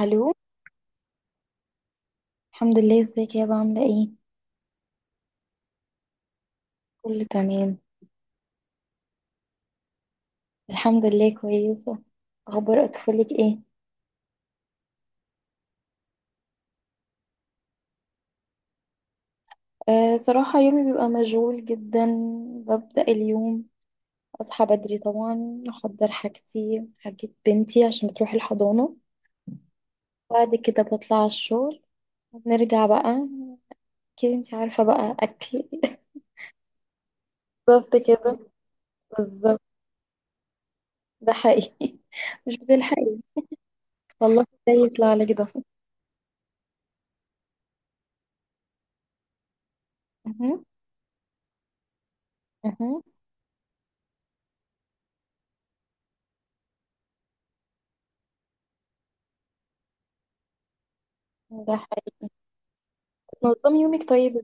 الو. الحمد لله، ازيك يا بابا؟ عامله ايه؟ كله تمام. الحمد لله كويسه. اخبار اطفالك ايه؟ صراحه يومي بيبقى مشغول جدا. ببدا اليوم، اصحى بدري طبعا، احضر حاجتي، حاجه بنتي عشان تروح الحضانه. بعد كده بطلع على الشغل. نرجع بقى، كده انت عارفه بقى اكل بالظبط كده. بالظبط. ده حقيقي مش بتلحقي. خلصت ده يطلع لك ده. أها، أها. ده حقيقي. نظم يومك طيب،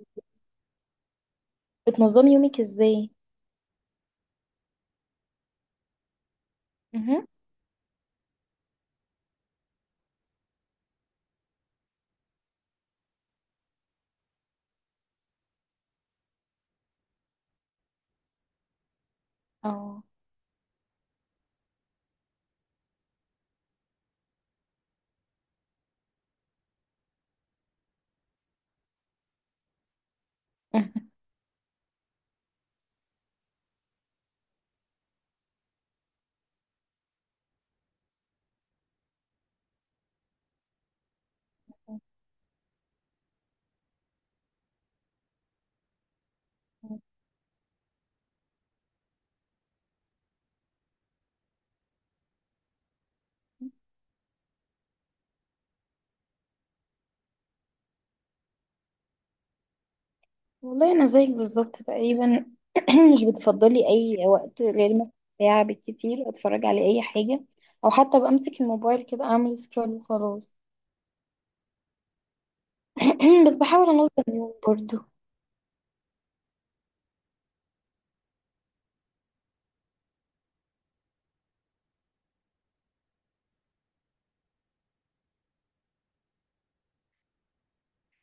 بتنظمي يومك ازاي؟ مهم. اه والله انا زيك بالظبط تقريبا. مش بتفضلي اي وقت غير مثلا ساعه بالكتير اتفرج على اي حاجه، او حتى بمسك الموبايل كده اعمل سكرول وخلاص. بس بحاول انظم يومي برضو.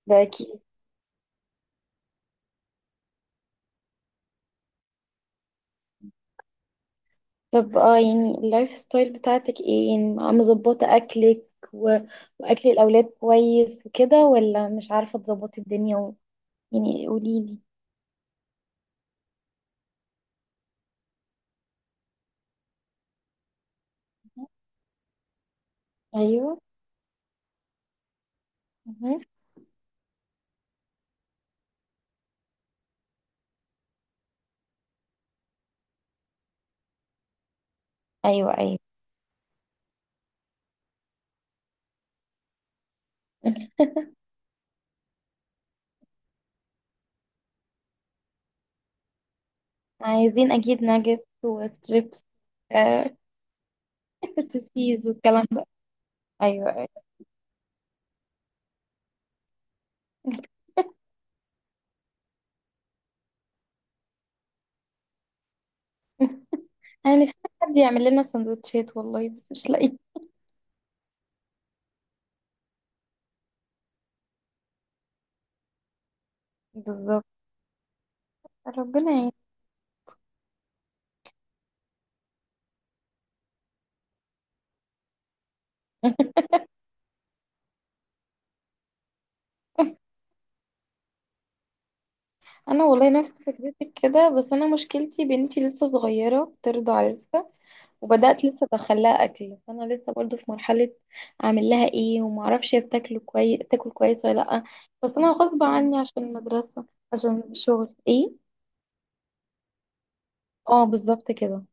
ده اكيد. طب يعني اللايف ستايل بتاعتك ايه؟ يعني مظبطه اكلك و... واكل الاولاد كويس وكده، ولا مش عارفه تظبطي الدنيا و...؟ يعني قوليلي. ايوه ايوه ايوه، عايزين اكيد ناجت وستريبس. آه، سوسيز والكلام ده. ايوه ايوه انا نفسي حد يعمل لنا سندوتشات والله بس مش لاقي. بالظبط. ربنا يعين انا والله نفس فكرتك كده، بس انا مشكلتي بنتي لسه صغيره بترضع لسه، وبدات لسه ادخلها اكل، فانا لسه برضو في مرحله اعمل لها ايه وما اعرفش هي بتاكل كويس، تاكل كويس ولا لا. بس انا غصب عني عشان المدرسه، عشان الشغل ايه. اه بالظبط كده.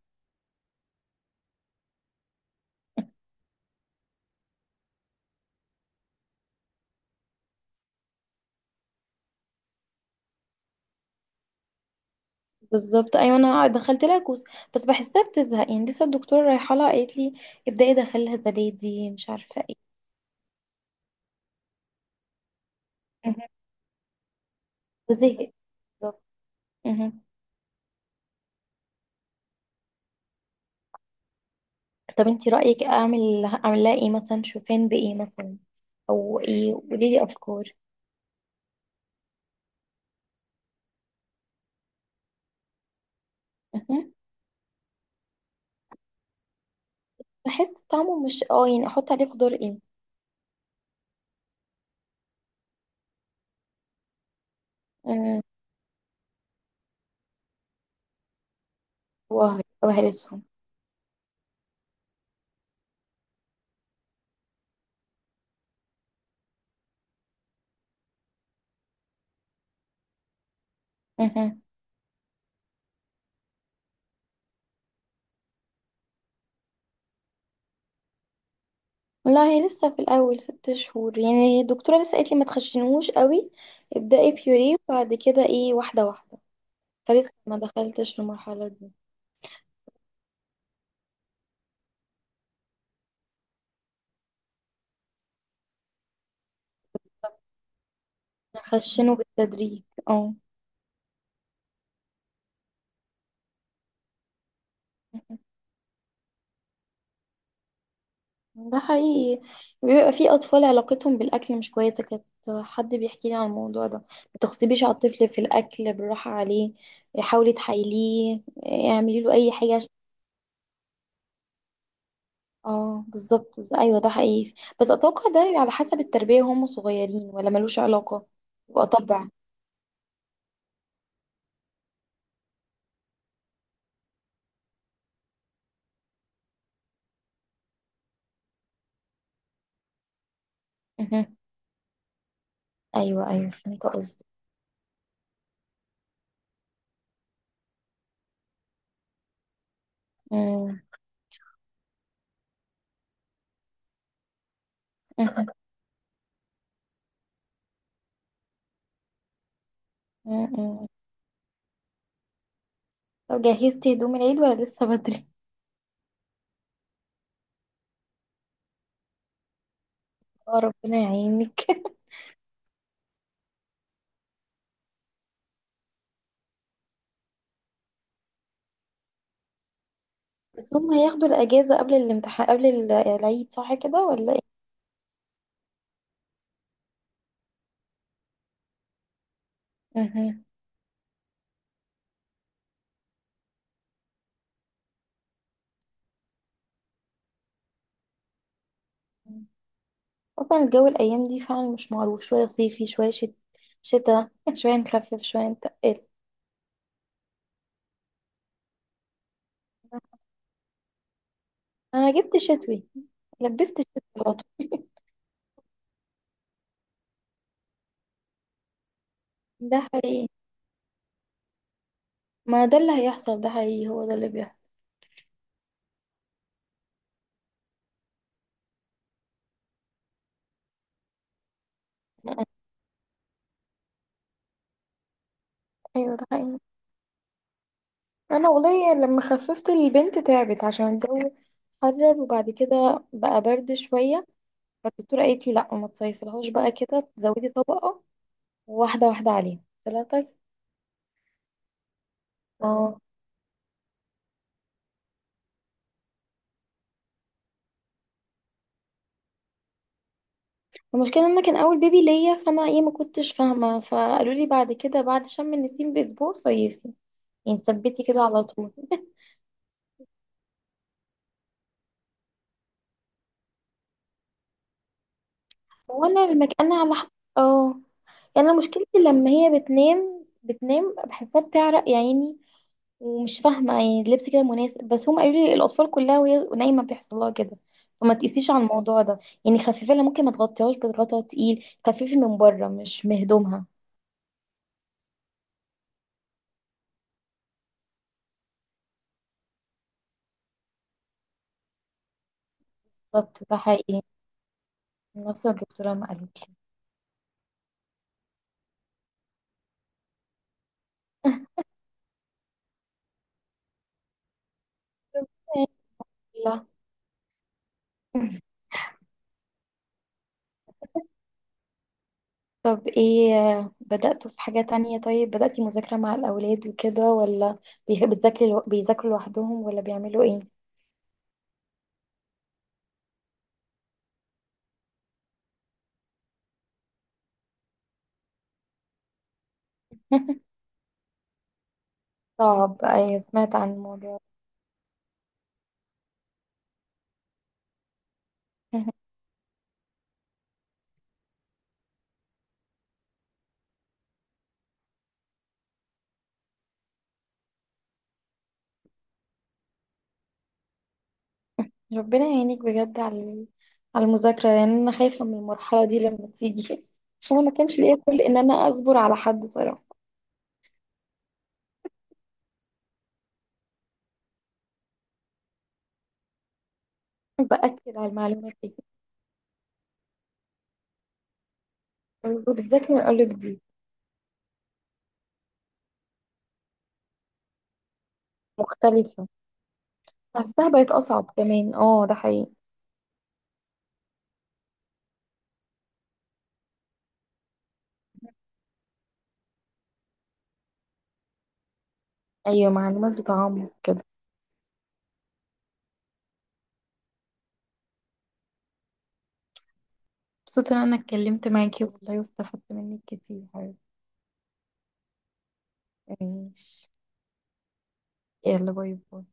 بالظبط. ايوه انا دخلت لها كوس، بس بحسها بتزهق يعني. لسه الدكتوره رايحه لها قالت لي ابداي دخلها زبادي مش عارفه ايه. مهم. وزهقت. بالظبط. مهم. طب انتي رايك، اعمل لها ايه مثلا؟ شوفان بايه مثلا، او ايه؟ قولي لي افكار. مهم. بحس طعمه مش يعني، احط عليه خضار ايه؟ مم. وهرسهم. مهم. لا هي لسه في الاول ست شهور، يعني الدكتوره لسه قالت لي ما تخشنوش قوي، ابداي بيوريه وبعد كده ايه واحده واحده. فلسه ما دخلتش المرحلة دي. هخشنه بالتدريج. اه ده حقيقي. بيبقى في أطفال علاقتهم بالأكل مش كويسة كانت. حد بيحكي لي عن الموضوع ده: ما تغصبيش على الطفل في الأكل، بالراحة عليه، حاولي تحايليه، اعملي له أي حاجة اه بالظبط أيوه ده حقيقي. بس أتوقع ده على حسب التربية وهم صغيرين، ولا ملوش علاقة. يبقى طبع. مهم. أيوه أيوه، فهمت قصدي. مم. مهم. مم. طب جهزتي هدوم العيد ولا لسه بدري؟ اه ربنا يعينك بس هم هياخدوا الأجازة قبل الامتحان قبل العيد، صح كده ولا ايه؟ مهم. أصلا الجو الأيام دي فعلا مش معروف، شوية صيفي شوية شتا شوية نخفف شوية نتقل. أنا جبت شتوي. لبست شتوي على طول. ده حقيقي. ما ده اللي هيحصل، ده حقيقي، هو ده اللي بيحصل. أيوة ده حقيقي. أنا والله لما خففت البنت تعبت عشان الجو حرر، وبعد كده بقى برد شوية. فالدكتورة قالت لي لأ ما تصيفلهاش بقى كده، تزودي طبقة واحدة واحدة عليه. قلت لها طيب. اه، المشكلة لما كان أول بيبي ليا، فأنا ما كنتش فاهمة، فقالوا لي بعد كده بعد شم النسيم بأسبوع صيفي، يعني ثبتي كده على طول. وأنا المكان على اه. يعني أنا مشكلتي لما هي بتنام بتنام بحسها بتعرق يا عيني، ومش فاهمة يعني اللبس كده مناسب، بس هم قالوا لي الأطفال كلها وهي نايمة بيحصل لها كده، فما تقيسيش على الموضوع ده. يعني خففي لها، ممكن ما تغطيهاش بغطا تقيل، خففي من بره مش مهدومها. بالظبط ده حقيقي. نفس الدكتورة ما قالت لي. لا طب ايه، بدأتوا في حاجة تانية؟ طيب بدأتي مذاكرة مع الأولاد وكده، ولا بتذاكري بيذاكروا لوحدهم ولا بيعملوا ايه؟ صعب، ايوه سمعت عن الموضوع ده. ربنا يعينك بجد، على المذاكرة. يعني أنا خايفة من المرحلة دي لما تيجي عشان أنا ما كانش ليا كل إن أنا أصبر على حد صراحة. بأكد على المعلومات دي. وبالذات من أقولك دي. مختلفة. حاساها بقت أصعب كمان، اه ده حقيقي. ايوه معلومات بتعمق كده. مبسوطة ان انا اتكلمت معاكي والله واستفدت منك كتير حبيبتي. ماشي، يلا باي باي.